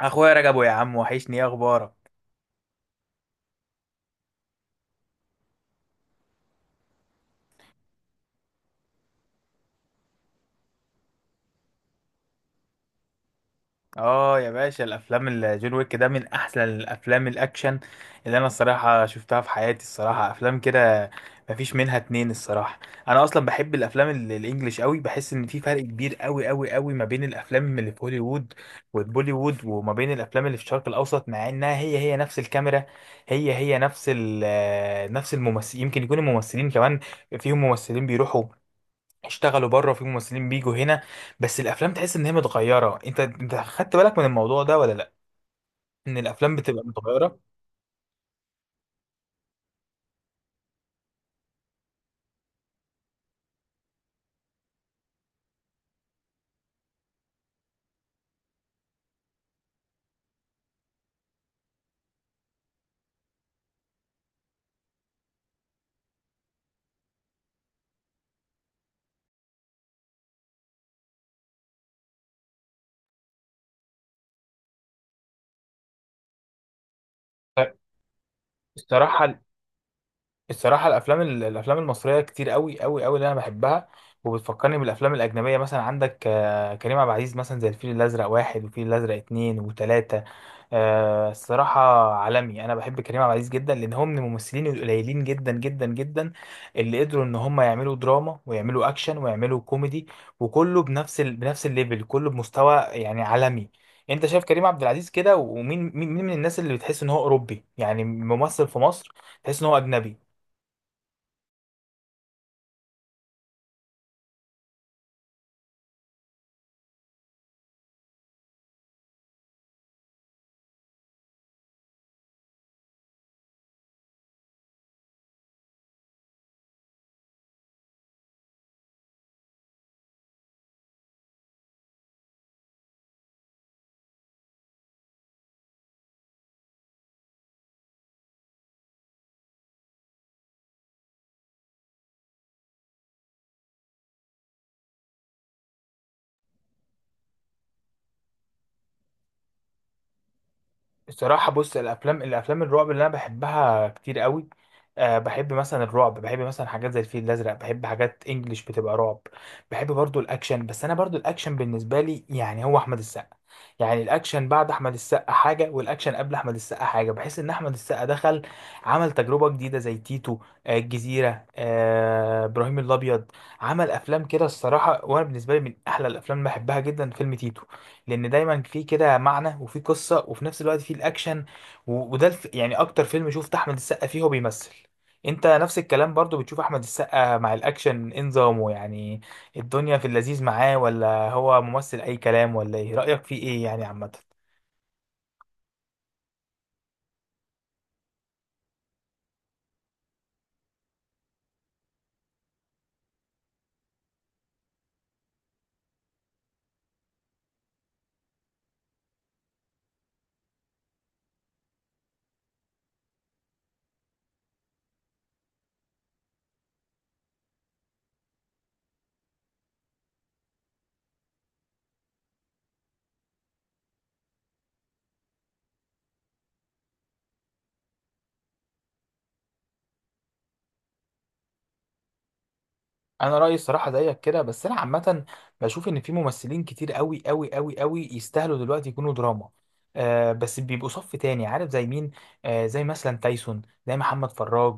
اخويا رجبو، يا عم، وحشني. ايه اخبارك؟ اه يا باشا، الافلام الجون ويك ده من احسن الافلام الاكشن اللي انا الصراحه شفتها في حياتي. الصراحه افلام كده مفيش منها اتنين، الصراحه. انا اصلا بحب الافلام الانجليش قوي. بحس ان في فرق كبير قوي قوي قوي ما بين الافلام اللي في هوليوود والبوليوود، وما بين الافلام اللي في الشرق الاوسط، مع انها هي هي نفس الكاميرا، هي هي نفس الممثل. يمكن يكون الممثلين كمان فيهم ممثلين بيروحوا اشتغلوا بره، في ممثلين بيجوا هنا، بس الافلام تحس ان هي متغيره. انت خدت بالك من الموضوع ده ولا لا؟ ان الافلام بتبقى متغيره. ف- الصراحه، الصراحه الافلام المصريه كتير قوي قوي قوي اللي انا بحبها وبتفكرني بالافلام الاجنبيه. مثلا عندك كريم عبد العزيز، مثلا زي الفيل الازرق واحد، والفيل الازرق اتنين وتلاته. الصراحة عالمي. أنا بحب كريم عبد العزيز جدا، لأن هو من الممثلين القليلين جدا جدا جدا اللي قدروا إن هم يعملوا دراما ويعملوا أكشن ويعملوا كوميدي، وكله بنفس الليفل، كله بمستوى يعني عالمي. أنت شايف كريم عبد العزيز كده، ومين مين من الناس اللي بتحس إن هو أوروبي، يعني ممثل في مصر تحس إن هو أجنبي؟ الصراحة بص، الأفلام الأفلام الرعب اللي أنا بحبها كتير قوي. أه، بحب مثلا الرعب، بحب مثلا حاجات زي الفيل الأزرق، بحب حاجات إنجليش بتبقى رعب. بحب برضو الأكشن، بس أنا برضو الأكشن بالنسبة لي يعني هو أحمد السقا. يعني الأكشن بعد أحمد السقا حاجة، والأكشن قبل أحمد السقا حاجة. بحس إن أحمد السقا دخل عمل تجربة جديدة زي تيتو، الجزيرة، إبراهيم الأبيض. عمل أفلام كده الصراحة، وأنا بالنسبة لي من أحلى الأفلام اللي بحبها جدا فيلم تيتو، لان دايما في كده معنى وفي قصه وفي نفس الوقت في الاكشن. وده يعني اكتر فيلم شفت احمد السقا فيه هو بيمثل. انت نفس الكلام برضو، بتشوف احمد السقا مع الاكشن إيه نظامه يعني؟ الدنيا في اللذيذ معاه، ولا هو ممثل اي كلام؟ ولا ايه رايك فيه ايه يعني عامه؟ انا رايي الصراحه زيك كده. بس انا عامه بشوف ان في ممثلين كتير قوي قوي قوي قوي يستاهلوا دلوقتي يكونوا دراما، آه، بس بيبقوا صف تاني. عارف زي مين؟ آه، زي مثلا تايسون، زي محمد فراج.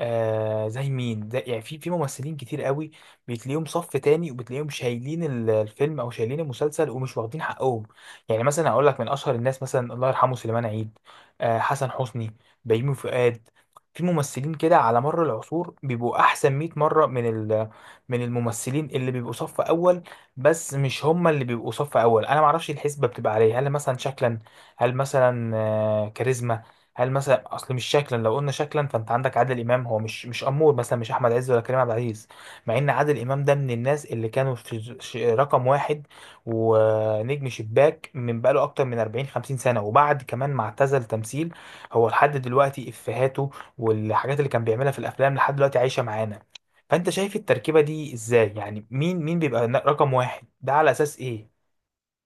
آه زي مين؟ زي يعني في ممثلين كتير قوي بتلاقيهم صف تاني، وبتلاقيهم شايلين الفيلم او شايلين المسلسل ومش واخدين حقهم. يعني مثلا اقول لك من اشهر الناس مثلا الله يرحمه سليمان عيد، آه، حسن حسني، بيومي فؤاد. في ممثلين كده على مر العصور بيبقوا احسن 100 مره من من الممثلين اللي بيبقوا صف اول، بس مش هم اللي بيبقوا صف اول. انا ما اعرفش الحسبه بتبقى عليه. هل مثلا شكلا؟ هل مثلا كاريزما؟ هل مثلا اصل؟ مش شكلا، لو قلنا شكلا فانت عندك عادل امام، هو مش امور مثلا، مش احمد عز ولا كريم عبد العزيز، مع ان عادل امام ده من الناس اللي كانوا في رقم واحد ونجم شباك من بقاله اكتر من 40 50 سنه. وبعد كمان ما اعتزل تمثيل، هو لحد دلوقتي افهاته، والحاجات اللي كان بيعملها في الافلام لحد دلوقتي عايشه معانا. فانت شايف التركيبه دي ازاي؟ يعني مين بيبقى رقم واحد، ده على اساس ايه؟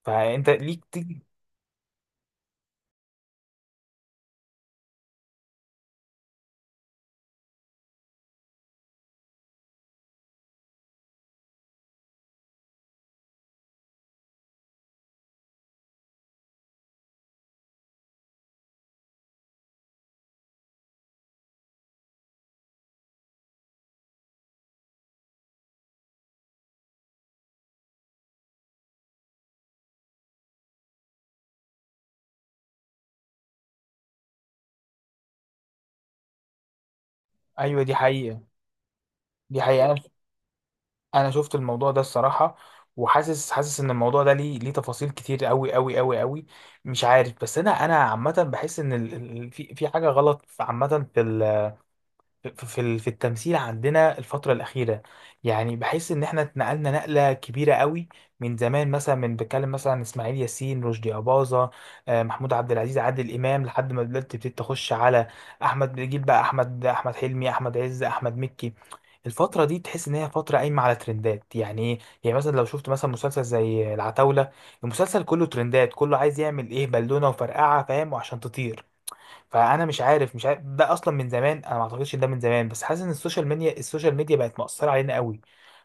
فانت ليك تيجي. ايوه، دي حقيقه، دي حقيقه. انا شفت الموضوع ده الصراحه، وحاسس حاسس ان الموضوع ده ليه ليه تفاصيل كتير قوي قوي قوي قوي. مش عارف، بس انا عامه بحس ان في حاجه غلط عامه في ال... في في في التمثيل عندنا الفترة الأخيرة. يعني بحس إن إحنا اتنقلنا نقلة كبيرة قوي من زمان، مثلا من بتكلم مثلا عن إسماعيل ياسين، رشدي أباظة، محمود عبد العزيز، عادل إمام، لحد ما دلوقتي تبتدي تخش على أحمد، جيل بقى أحمد حلمي، أحمد عز، أحمد مكي. الفترة دي تحس إن هي فترة قايمة على ترندات. يعني إيه؟ يعني مثلا لو شفت مثلا مسلسل زي العتاولة، المسلسل كله ترندات، كله عايز يعمل إيه بالونة وفرقعة، فاهم، وعشان تطير. فانا مش عارف، مش عارف ده اصلا من زمان. انا ما اعتقدش إن ده من زمان، بس حاسس ان السوشيال ميديا السوشيال ميديا بقت مؤثره علينا قوي.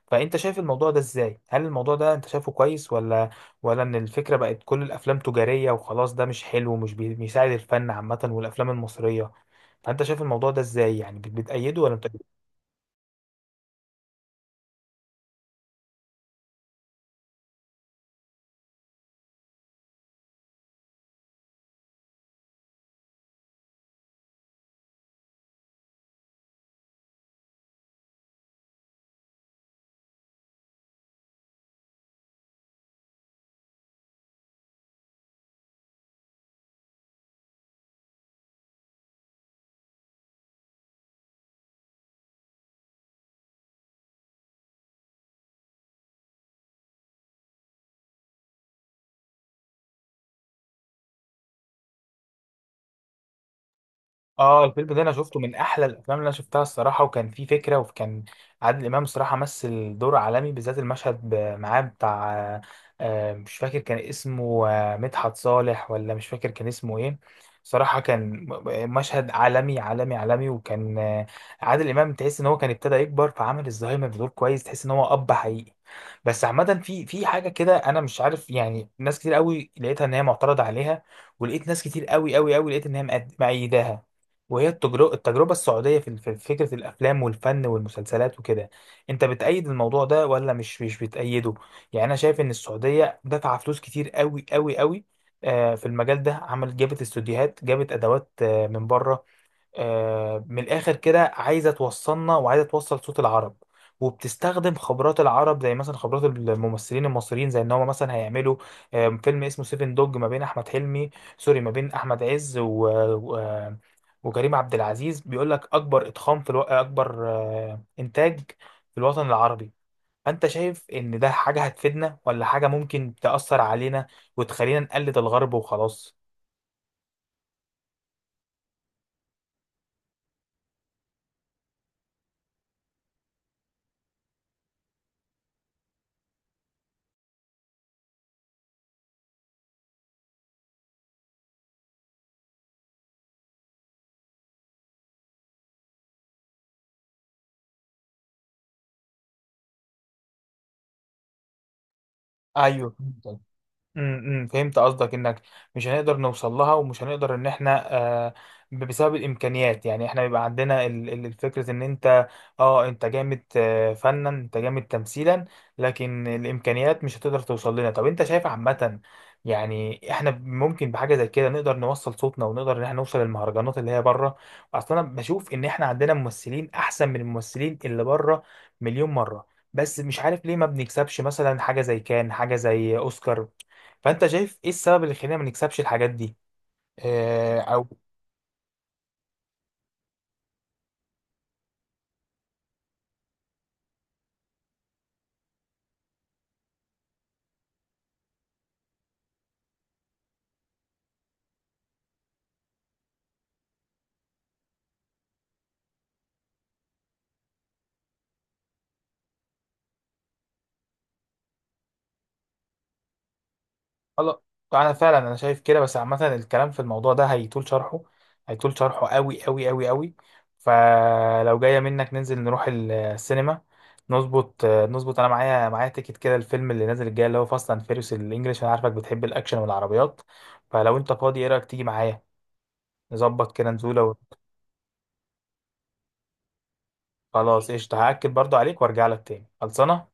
فانت شايف الموضوع ده ازاي؟ هل الموضوع ده انت شايفه كويس، ولا ان الفكره بقت كل الافلام تجاريه وخلاص ده مش حلو ومش بيساعد الفن عامه والافلام المصريه؟ فانت شايف الموضوع ده ازاي؟ يعني بتأيده ولا بتأيده؟ اه الفيلم ده انا شفته من احلى الافلام اللي انا شفتها الصراحه، وكان فيه فكره، وكان عادل امام الصراحه مثل دور عالمي، بالذات المشهد معاه بتاع مش فاكر كان اسمه مدحت صالح، ولا مش فاكر كان اسمه ايه. صراحه كان مشهد عالمي عالمي عالمي. وكان عادل امام تحس ان هو كان ابتدى يكبر، فعمل الزهايمر بدور كويس، تحس ان هو اب حقيقي. بس عامه في حاجه كده انا مش عارف. يعني ناس كتير قوي لقيتها ان هي معترضه عليها، ولقيت ناس كتير قوي قوي قوي لقيت ان هي مأيداها، وهي التجربة السعودية في فكرة الأفلام والفن والمسلسلات وكده. أنت بتأيد الموضوع ده ولا مش بتأيده؟ يعني أنا شايف إن السعودية دفع فلوس كتير قوي قوي قوي في المجال ده. عملت جابت استوديوهات، جابت أدوات من بره. من الاخر كده عايزه توصلنا وعايزه توصل صوت العرب، وبتستخدم خبرات العرب زي مثلا خبرات الممثلين المصريين. زي ان هم مثلا هيعملوا فيلم اسمه سيفن دوج ما بين احمد حلمي، سوري، ما بين احمد عز و... و... آه، وكريم عبد العزيز، بيقول لك اكبر اتخام اكبر انتاج في الوطن العربي. فانت شايف ان ده حاجه هتفيدنا، ولا حاجه ممكن تاثر علينا وتخلينا نقلد الغرب وخلاص؟ ايوه. فهمت قصدك انك مش هنقدر نوصل لها، ومش هنقدر ان احنا بسبب الامكانيات. يعني احنا بيبقى عندنا الفكره ان انت، اه انت جامد فنا، انت جامد تمثيلا، لكن الامكانيات مش هتقدر توصل لنا. طب انت شايف عامه يعني احنا ممكن بحاجه زي كده نقدر نوصل صوتنا، ونقدر ان احنا نوصل للمهرجانات اللي هي بره؟ اصلا انا بشوف ان احنا عندنا ممثلين احسن من الممثلين اللي بره مليون مره، بس مش عارف ليه ما بنكسبش مثلا حاجة زي كان حاجة زي أوسكار. فانت شايف ايه السبب اللي يخلينا ما نكسبش الحاجات دي؟ آه، او خلاص. انا فعلا انا شايف كده. بس عامه الكلام في الموضوع ده هيطول شرحه، هيطول شرحه قوي قوي قوي قوي. فلو جايه منك ننزل نروح السينما، نظبط نظبط. انا معايا معايا تيكت كده الفيلم اللي نازل الجاي اللي هو فاست اند فيريوس الانجليش. انا عارفك بتحب الاكشن والعربيات، فلو انت فاضي ايه رايك تيجي معايا نظبط كده نزوله خلاص، قشطه. هاكد برضو عليك وارجع لك تاني. خلصانه.